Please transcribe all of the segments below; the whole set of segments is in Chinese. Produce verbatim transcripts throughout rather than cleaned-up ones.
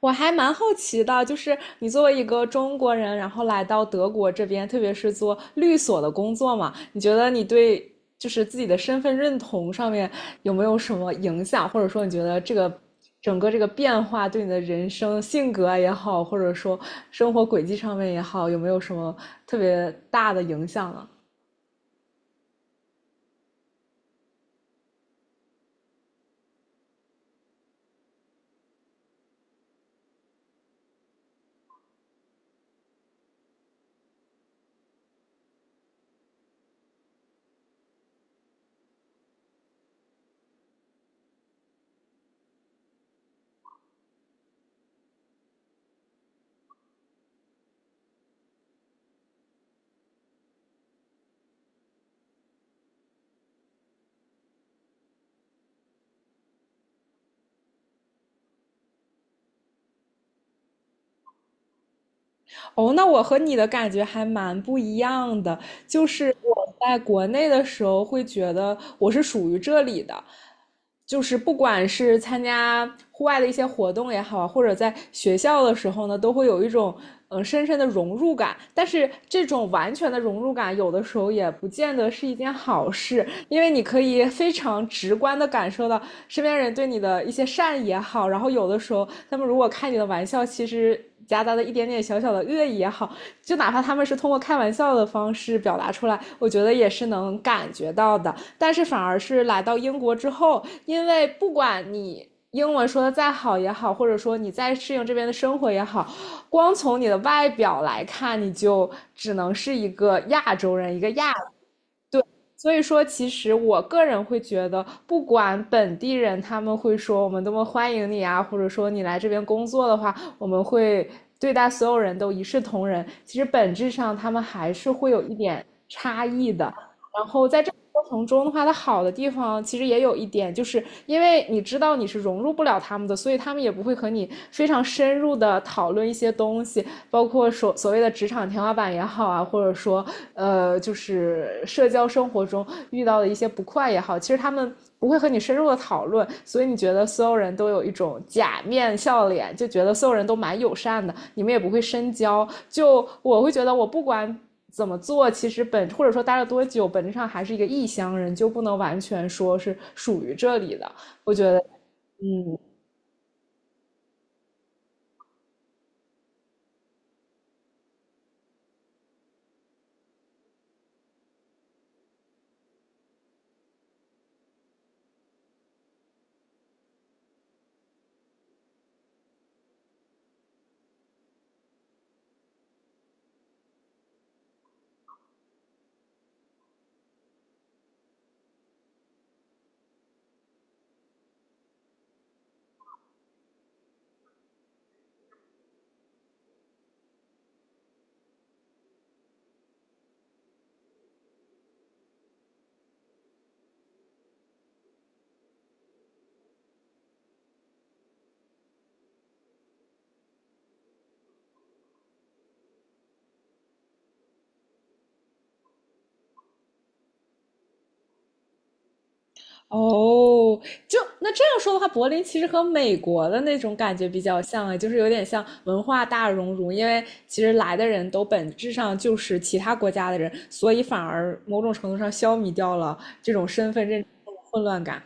我还蛮好奇的，就是你作为一个中国人，然后来到德国这边，特别是做律所的工作嘛，你觉得你对就是自己的身份认同上面有没有什么影响，或者说你觉得这个整个这个变化对你的人生性格也好，或者说生活轨迹上面也好，有没有什么特别大的影响呢？哦，那我和你的感觉还蛮不一样的，就是我在国内的时候会觉得我是属于这里的，就是不管是参加户外的一些活动也好啊，或者在学校的时候呢，都会有一种嗯、呃深深的融入感。但是这种完全的融入感，有的时候也不见得是一件好事，因为你可以非常直观的感受到身边人对你的一些善意也好，然后有的时候他们如果开你的玩笑，其实夹杂的一点点小小的恶意也好，就哪怕他们是通过开玩笑的方式表达出来，我觉得也是能感觉到的。但是反而是来到英国之后，因为不管你英文说的再好也好，或者说你再适应这边的生活也好，光从你的外表来看，你就只能是一个亚洲人，一个亚所以说，其实我个人会觉得，不管本地人他们会说我们多么欢迎你啊，或者说你来这边工作的话，我们会对待所有人都一视同仁。其实本质上，他们还是会有一点差异的。然后在这个过程中的话，它好的地方其实也有一点，就是因为你知道你是融入不了他们的，所以他们也不会和你非常深入的讨论一些东西，包括所所谓的职场天花板也好啊，或者说呃，就是社交生活中遇到的一些不快也好，其实他们不会和你深入的讨论，所以你觉得所有人都有一种假面笑脸，就觉得所有人都蛮友善的，你们也不会深交。就我会觉得，我不管怎么做，其实本或者说待了多久，本质上还是一个异乡人，就不能完全说是属于这里的。我觉得，嗯，哦，就那这样说的话，柏林其实和美国的那种感觉比较像啊，就是有点像文化大熔炉，因为其实来的人都本质上就是其他国家的人，所以反而某种程度上消弭掉了这种身份认混乱感。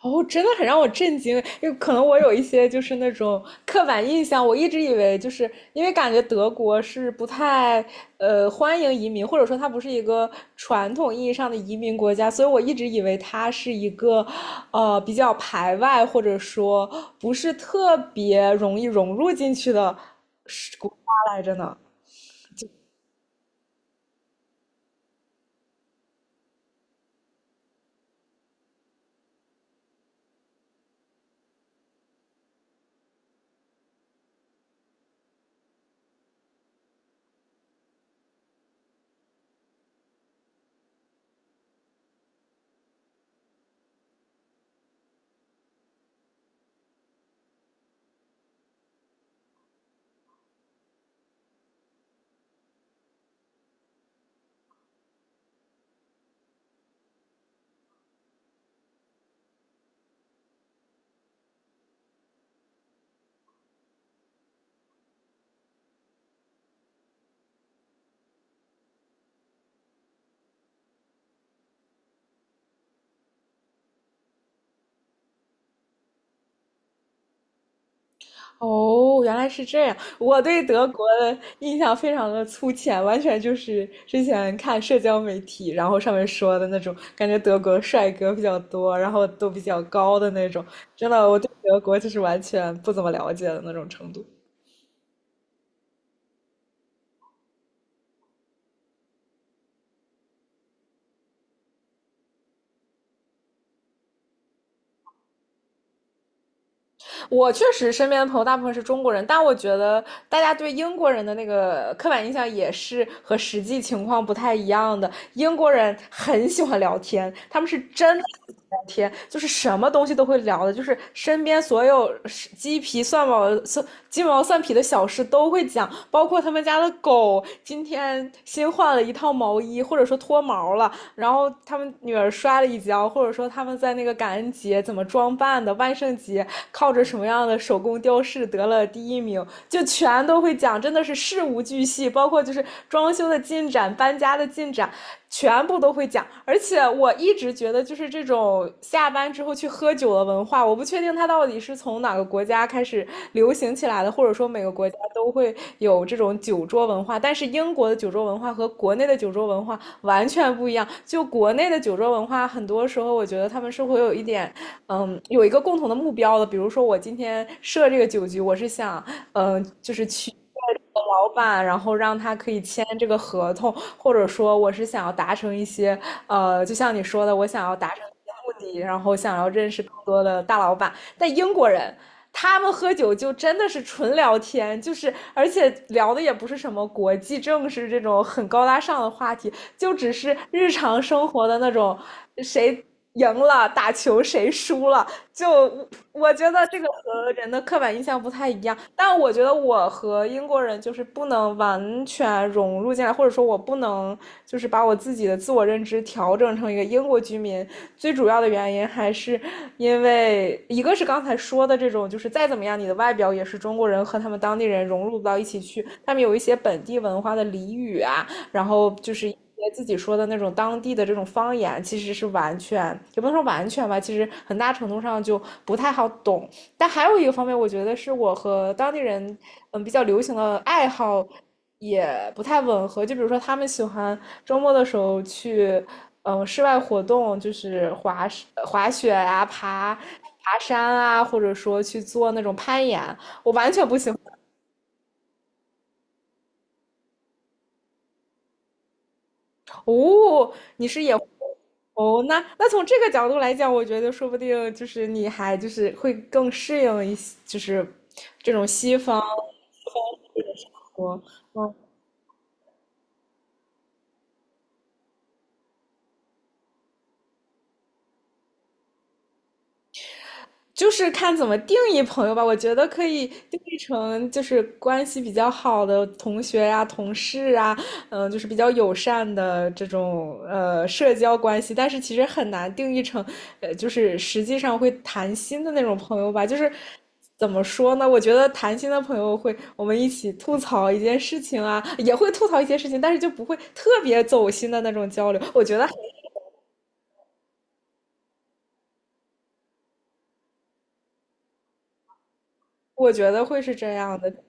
哦，真的很让我震惊，因为可能我有一些就是那种刻板印象，我一直以为就是因为感觉德国是不太呃欢迎移民，或者说它不是一个传统意义上的移民国家，所以我一直以为它是一个呃比较排外，或者说不是特别容易融入进去的来着呢。哦，原来是这样。我对德国的印象非常的粗浅，完全就是之前看社交媒体，然后上面说的那种，感觉德国帅哥比较多，然后都比较高的那种。真的，我对德国就是完全不怎么了解的那种程度。我确实身边的朋友大部分是中国人，但我觉得大家对英国人的那个刻板印象也是和实际情况不太一样的。英国人很喜欢聊天，他们是真的聊天，就是什么东西都会聊的，就是身边所有鸡皮蒜毛、蒜鸡毛蒜皮的小事都会讲，包括他们家的狗今天新换了一套毛衣，或者说脱毛了，然后他们女儿摔了一跤，或者说他们在那个感恩节怎么装扮的，万圣节靠着什么样的手工雕饰得了第一名，就全都会讲，真的是事无巨细，包括就是装修的进展、搬家的进展，全部都会讲。而且我一直觉得，就是这种下班之后去喝酒的文化，我不确定它到底是从哪个国家开始流行起来的，或者说每个国家都会有这种酒桌文化。但是英国的酒桌文化和国内的酒桌文化完全不一样。就国内的酒桌文化，很多时候我觉得他们是会有一点嗯有一个共同的目标的。比如说我今天设这个酒局，我是想嗯就是去老板，然后让他可以签这个合同，或者说我是想要达成一些，呃，就像你说的，我想要达成一些目的，然后想要认识更多的大老板。但英国人他们喝酒就真的是纯聊天，就是而且聊的也不是什么国际政治这种很高大上的话题，就只是日常生活的那种谁赢了，打球谁输了，就我觉得这个和人的刻板印象不太一样。但我觉得我和英国人就是不能完全融入进来，或者说我不能就是把我自己的自我认知调整成一个英国居民。最主要的原因还是因为一个是刚才说的这种，就是再怎么样，你的外表也是中国人和他们当地人融入不到一起去，他们有一些本地文化的俚语啊，然后就是自己说的那种当地的这种方言，其实是完全也不能说完全吧，其实很大程度上就不太好懂。但还有一个方面，我觉得是我和当地人嗯比较流行的爱好也不太吻合。就比如说，他们喜欢周末的时候去嗯室外活动，就是滑滑雪啊、爬爬山啊，或者说去做那种攀岩。我完全不喜欢。哦，你是野哦，那那从这个角度来讲，我觉得说不定就是你还就是会更适应一些，就是这种西方西方这种生活。嗯就是看怎么定义朋友吧，我觉得可以定义成就是关系比较好的同学呀、同事啊，嗯、就是比较友善的这种呃社交关系。但是其实很难定义成，呃，就是实际上会谈心的那种朋友吧。就是怎么说呢？我觉得谈心的朋友会我们一起吐槽一件事情啊，也会吐槽一些事情，但是就不会特别走心的那种交流。我觉得，我觉得会是这样的。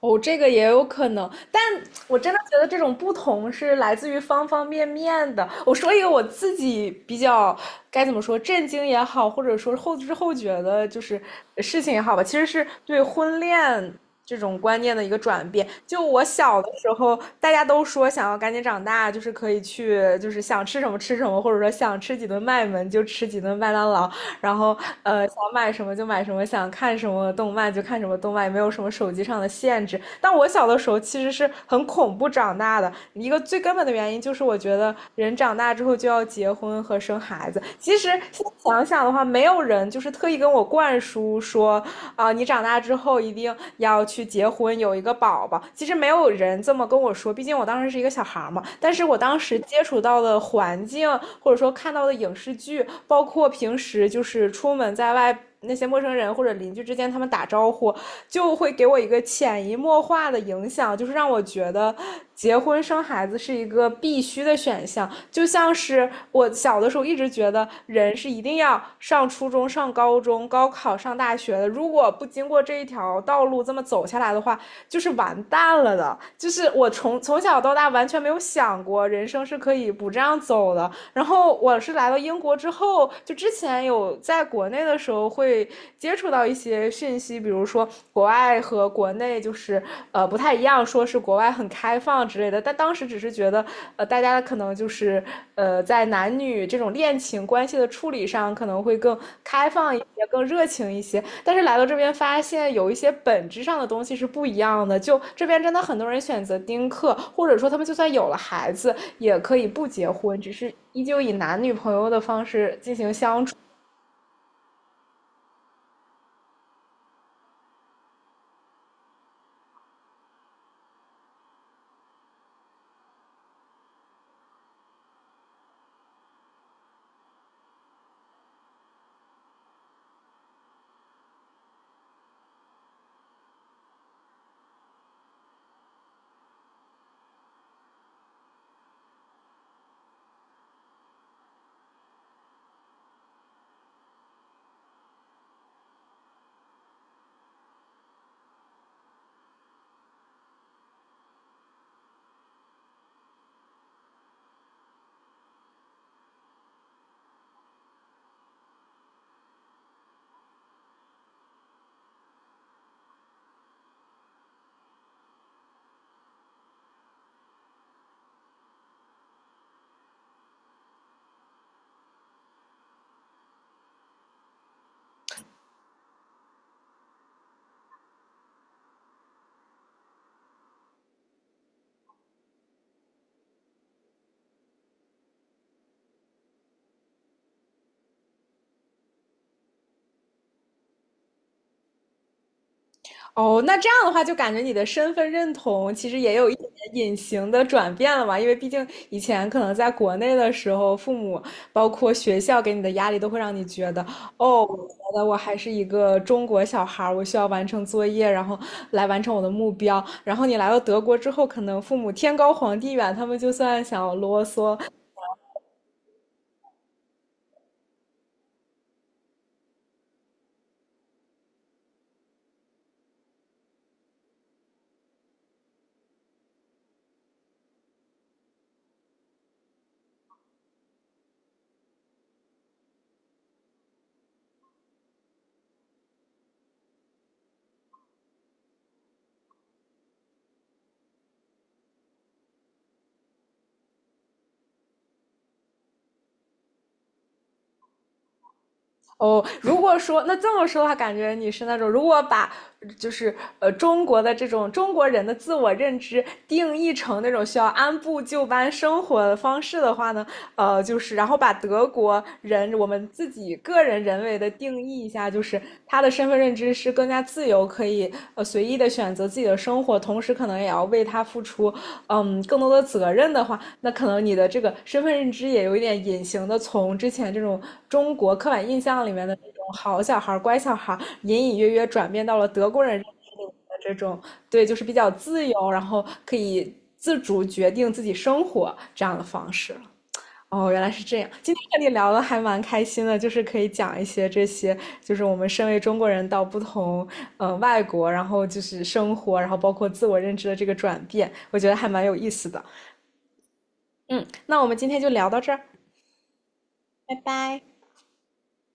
哦，这个也有可能，但我真的觉得这种不同是来自于方方面面的。我说一个我自己比较该怎么说，震惊也好，或者说后知后觉的，就是事情也好吧，其实是对婚恋这种观念的一个转变。就我小的时候，大家都说想要赶紧长大，就是可以去，就是想吃什么吃什么，或者说想吃几顿麦门就吃几顿麦当劳。然后呃想买什么就买什么，想看什么动漫就看什么动漫，也没有什么手机上的限制。但我小的时候其实是很恐怖长大的，一个最根本的原因就是我觉得人长大之后就要结婚和生孩子。其实现在想想的话，没有人就是特意跟我灌输说啊，你长大之后一定要去结婚，有一个宝宝。其实没有人这么跟我说，毕竟我当时是一个小孩嘛。但是我当时接触到的环境，或者说看到的影视剧，包括平时就是出门在外。那些陌生人或者邻居之间，他们打招呼就会给我一个潜移默化的影响，就是让我觉得结婚生孩子是一个必须的选项，就像是我小的时候一直觉得人是一定要上初中、上高中、高考、上大学的，如果不经过这一条道路这么走下来的话，就是完蛋了的，就是我从从小到大完全没有想过人生是可以不这样走的。然后我是来到英国之后，就之前有在国内的时候会接触到一些讯息，比如说国外和国内就是呃不太一样，说是国外很开放之类的，但当时只是觉得呃大。大家可能就是呃，在男女这种恋情关系的处理上，可能会更开放一些，更热情一些。但是来到这边，发现有一些本质上的东西是不一样的。就这边真的很多人选择丁克，或者说他们就算有了孩子，也可以不结婚，只是依旧以男女朋友的方式进行相处。哦，那这样的话，就感觉你的身份认同其实也有一点点隐形的转变了嘛，因为毕竟以前可能在国内的时候，父母包括学校给你的压力，都会让你觉得，哦，我觉得我还是一个中国小孩儿，我需要完成作业，然后来完成我的目标。然后你来到德国之后，可能父母天高皇帝远，他们就算想啰嗦，哦，如果说那这么说的话，感觉你是那种如果把就是呃中国的这种中国人的自我认知定义成那种需要按部就班生活的方式的话呢，呃，就是然后把德国人我们自己个人人为的定义一下，就是他的身份认知是更加自由，可以呃随意的选择自己的生活，同时可能也要为他付出嗯更多的责任的话，那可能你的这个身份认知也有一点隐形的从之前这种中国刻板印象里面的那种好小孩乖小孩隐隐约约转变到了德国人的这种对，就是比较自由，然后可以自主决定自己生活这样的方式。哦，原来是这样。今天和你聊的还蛮开心的，就是可以讲一些这些，就是我们身为中国人到不同呃外国，然后就是生活，然后包括自我认知的这个转变，我觉得还蛮有意思的。嗯，那我们今天就聊到这儿，拜拜。